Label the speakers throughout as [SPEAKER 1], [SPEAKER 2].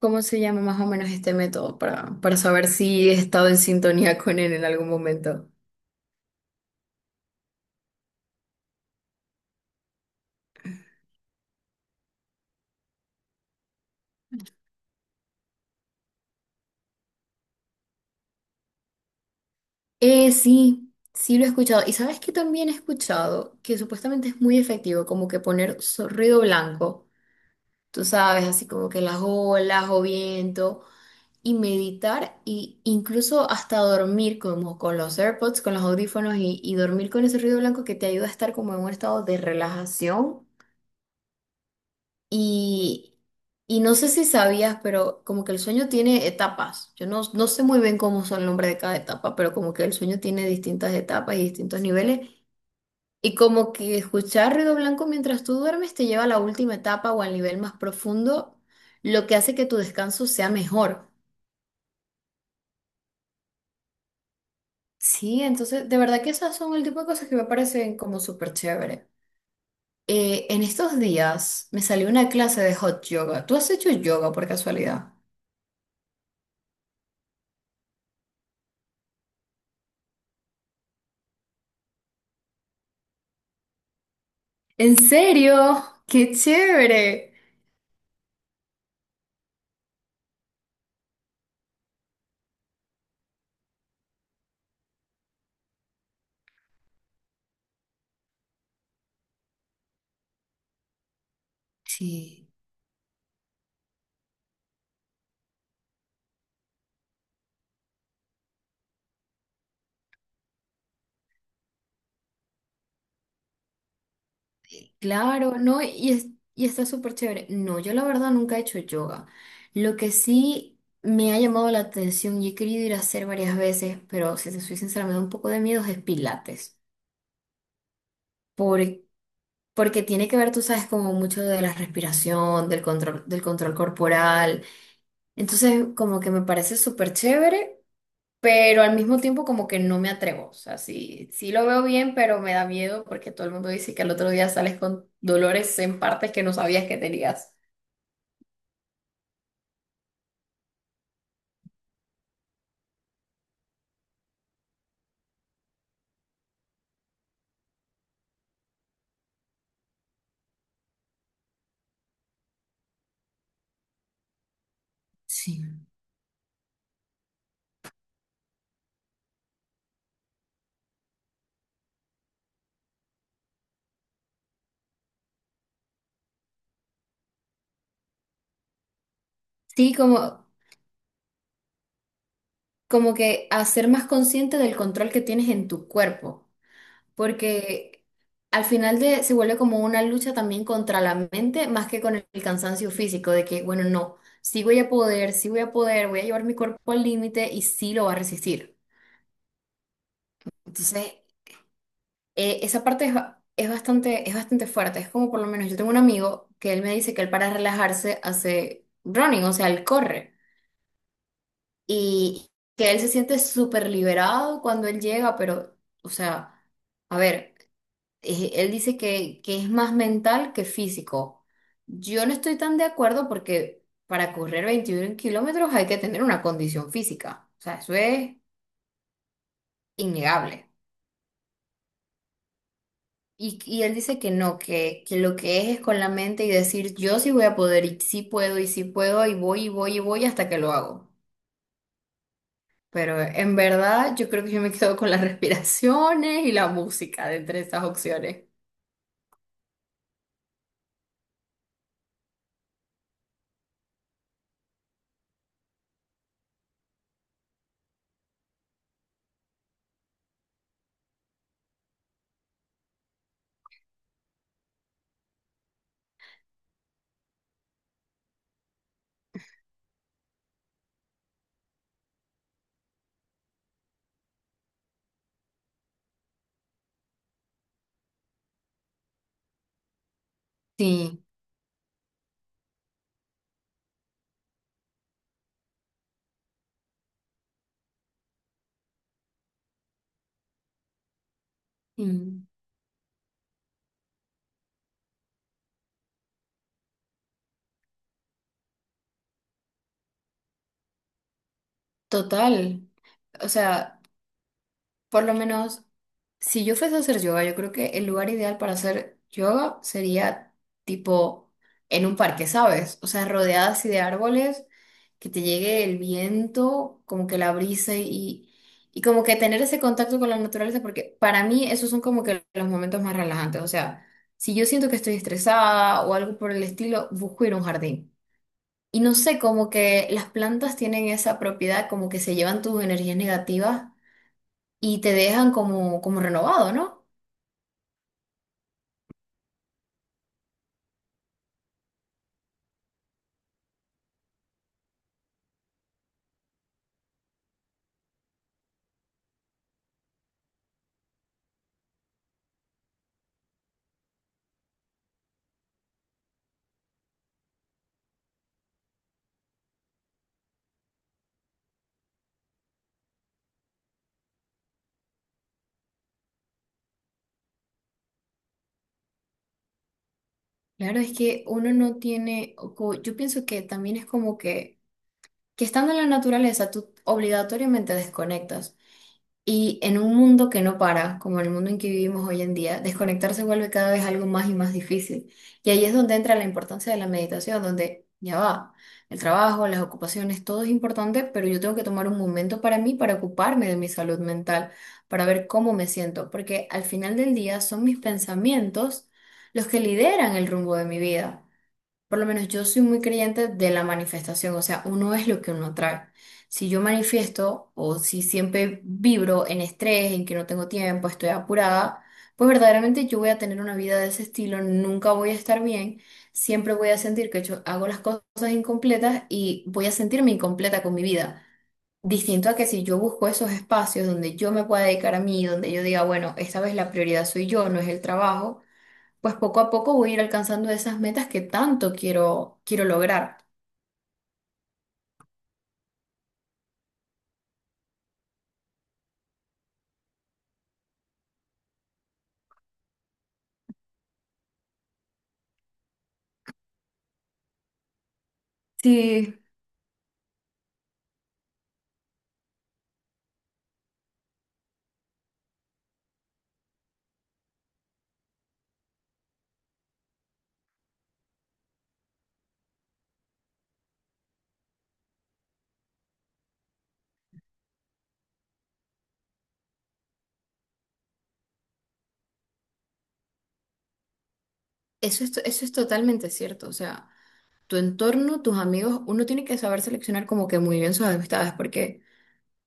[SPEAKER 1] ¿Cómo se llama más o menos este método para saber si he estado en sintonía con él en algún momento? Sí, lo he escuchado. Y sabes que también he escuchado que supuestamente es muy efectivo, como que poner ruido blanco, tú sabes, así como que las olas o viento, y meditar, y incluso hasta dormir, como con los AirPods, con los audífonos, y dormir con ese ruido blanco que te ayuda a estar como en un estado de relajación. Y, y no sé si sabías, pero como que el sueño tiene etapas. Yo no sé muy bien cómo son el nombre de cada etapa, pero como que el sueño tiene distintas etapas y distintos niveles. Y como que escuchar ruido blanco mientras tú duermes te lleva a la última etapa o al nivel más profundo, lo que hace que tu descanso sea mejor. Sí, entonces de verdad que esas son el tipo de cosas que me parecen como súper chévere. En estos días me salió una clase de hot yoga. ¿Tú has hecho yoga por casualidad? ¿En serio? ¡Qué chévere! Sí. Sí, claro, no, y está súper chévere. No, yo la verdad nunca he hecho yoga. Lo que sí me ha llamado la atención y he querido ir a hacer varias veces, pero si te soy sincera, me da un poco de miedo, es pilates. Por- Porque tiene que ver, tú sabes, como mucho de la respiración, del control corporal. Entonces, como que me parece súper chévere, pero al mismo tiempo como que no me atrevo. O sea, sí, lo veo bien, pero me da miedo porque todo el mundo dice que al otro día sales con dolores en partes que no sabías que tenías. Sí. Sí, como, como que hacer más consciente del control que tienes en tu cuerpo, porque al final de, se vuelve como una lucha también contra la mente, más que con el cansancio físico, de que, bueno, no, sí voy a poder, voy a llevar mi cuerpo al límite y sí lo va a resistir. Entonces, esa parte es, es bastante fuerte. Es como por lo menos yo tengo un amigo que él me dice que él para relajarse hace running, o sea, él corre. Y que él se siente súper liberado cuando él llega, pero, o sea, a ver, él dice que es más mental que físico. Yo no estoy tan de acuerdo porque para correr 21 kilómetros hay que tener una condición física. O sea, eso es innegable. Y él dice que no, que lo que es con la mente y decir yo sí voy a poder y sí puedo y sí puedo y voy y voy y voy hasta que lo hago. Pero en verdad yo creo que yo me quedo con las respiraciones y la música de entre esas opciones. Sí, mm, total. O sea, por lo menos si yo fuese a hacer yoga, yo creo que el lugar ideal para hacer yoga sería tipo en un parque, ¿sabes? O sea, rodeada así de árboles, que te llegue el viento, como que la brisa y como que tener ese contacto con la naturaleza, porque para mí esos son como que los momentos más relajantes. O sea, si yo siento que estoy estresada o algo por el estilo, busco ir a un jardín. Y no sé, como que las plantas tienen esa propiedad, como que se llevan tus energías negativas y te dejan como, como renovado, ¿no? Claro, es que uno no tiene, o yo pienso que también es como que estando en la naturaleza, tú obligatoriamente desconectas. Y en un mundo que no para, como el mundo en que vivimos hoy en día, desconectarse vuelve cada vez algo más y más difícil. Y ahí es donde entra la importancia de la meditación, donde ya va, el trabajo, las ocupaciones, todo es importante, pero yo tengo que tomar un momento para mí, para ocuparme de mi salud mental, para ver cómo me siento, porque al final del día son mis pensamientos los que lideran el rumbo de mi vida. Por lo menos yo soy muy creyente de la manifestación, o sea, uno es lo que uno trae. Si yo manifiesto o si siempre vibro en estrés, en que no tengo tiempo, estoy apurada, pues verdaderamente yo voy a tener una vida de ese estilo, nunca voy a estar bien, siempre voy a sentir que yo hago las cosas incompletas y voy a sentirme incompleta con mi vida. Distinto a que si yo busco esos espacios donde yo me pueda dedicar a mí, donde yo diga, bueno, esta vez la prioridad soy yo, no es el trabajo, pues poco a poco voy a ir alcanzando esas metas que tanto quiero lograr. Sí, eso es totalmente cierto. O sea, tu entorno, tus amigos, uno tiene que saber seleccionar como que muy bien sus amistades, porque,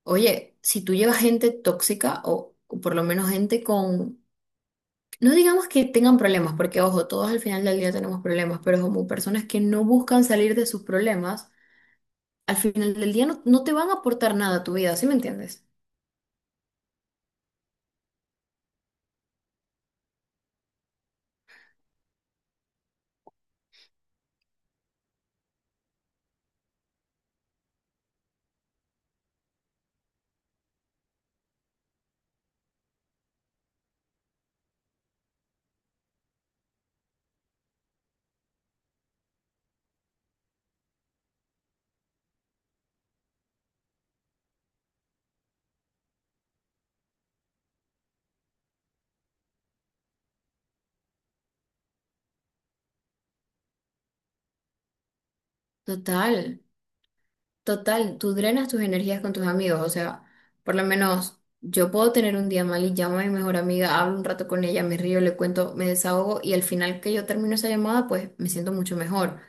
[SPEAKER 1] oye, si tú llevas gente tóxica o por lo menos gente con, no digamos que tengan problemas, porque ojo, todos al final del día tenemos problemas, pero como personas que no buscan salir de sus problemas, al final del día no te van a aportar nada a tu vida, ¿sí me entiendes? Total. Total, tú drenas tus energías con tus amigos, o sea, por lo menos yo puedo tener un día mal y llamo a mi mejor amiga, hablo un rato con ella, me río, le cuento, me desahogo y al final que yo termino esa llamada, pues me siento mucho mejor.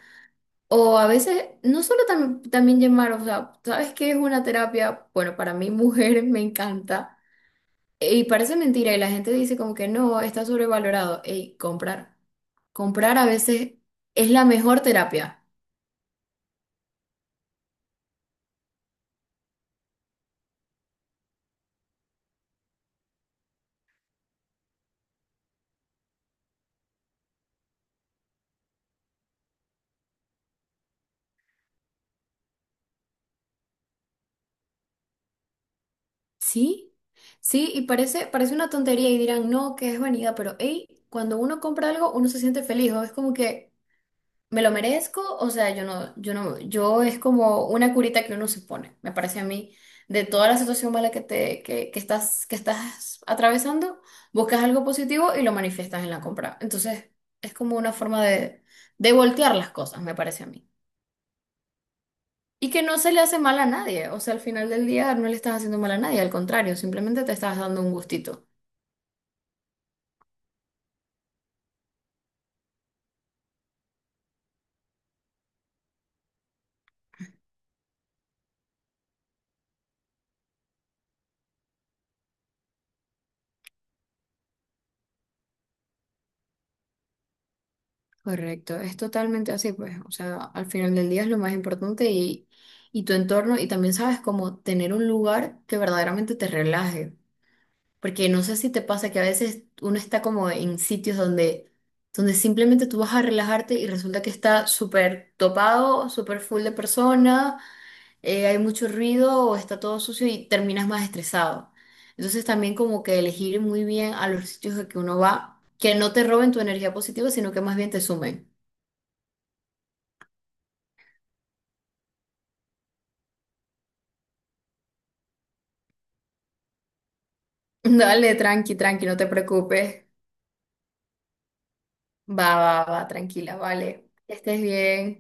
[SPEAKER 1] O a veces, no solo también llamar, o sea, ¿sabes qué es una terapia? Bueno, para mí mujer me encanta, y parece mentira y la gente dice como que no, está sobrevalorado. Ey, comprar a veces es la mejor terapia. Sí, sí, y parece una tontería y dirán, no, que es vanidad, pero hey, cuando uno compra algo, uno se siente feliz, o es como que me lo merezco, o sea, yo no, yo no, yo es como una curita que uno se pone, me parece a mí, de toda la situación mala que te, que estás atravesando, buscas algo positivo y lo manifiestas en la compra. Entonces, es como una forma de voltear las cosas, me parece a mí. Y que no se le hace mal a nadie, o sea, al final del día no le estás haciendo mal a nadie, al contrario, simplemente te estás dando un gustito. Correcto, es totalmente así, pues, o sea, al final del día es lo más importante y tu entorno y también sabes cómo tener un lugar que verdaderamente te relaje, porque no sé si te pasa que a veces uno está como en sitios donde simplemente tú vas a relajarte y resulta que está súper topado, súper full de personas, hay mucho ruido o está todo sucio y terminas más estresado. Entonces también como que elegir muy bien a los sitios a que uno va, que no te roben tu energía positiva, sino que más bien te sumen. Dale, tranqui, tranqui, no te preocupes. Va, va, va, tranquila, vale. Que estés bien.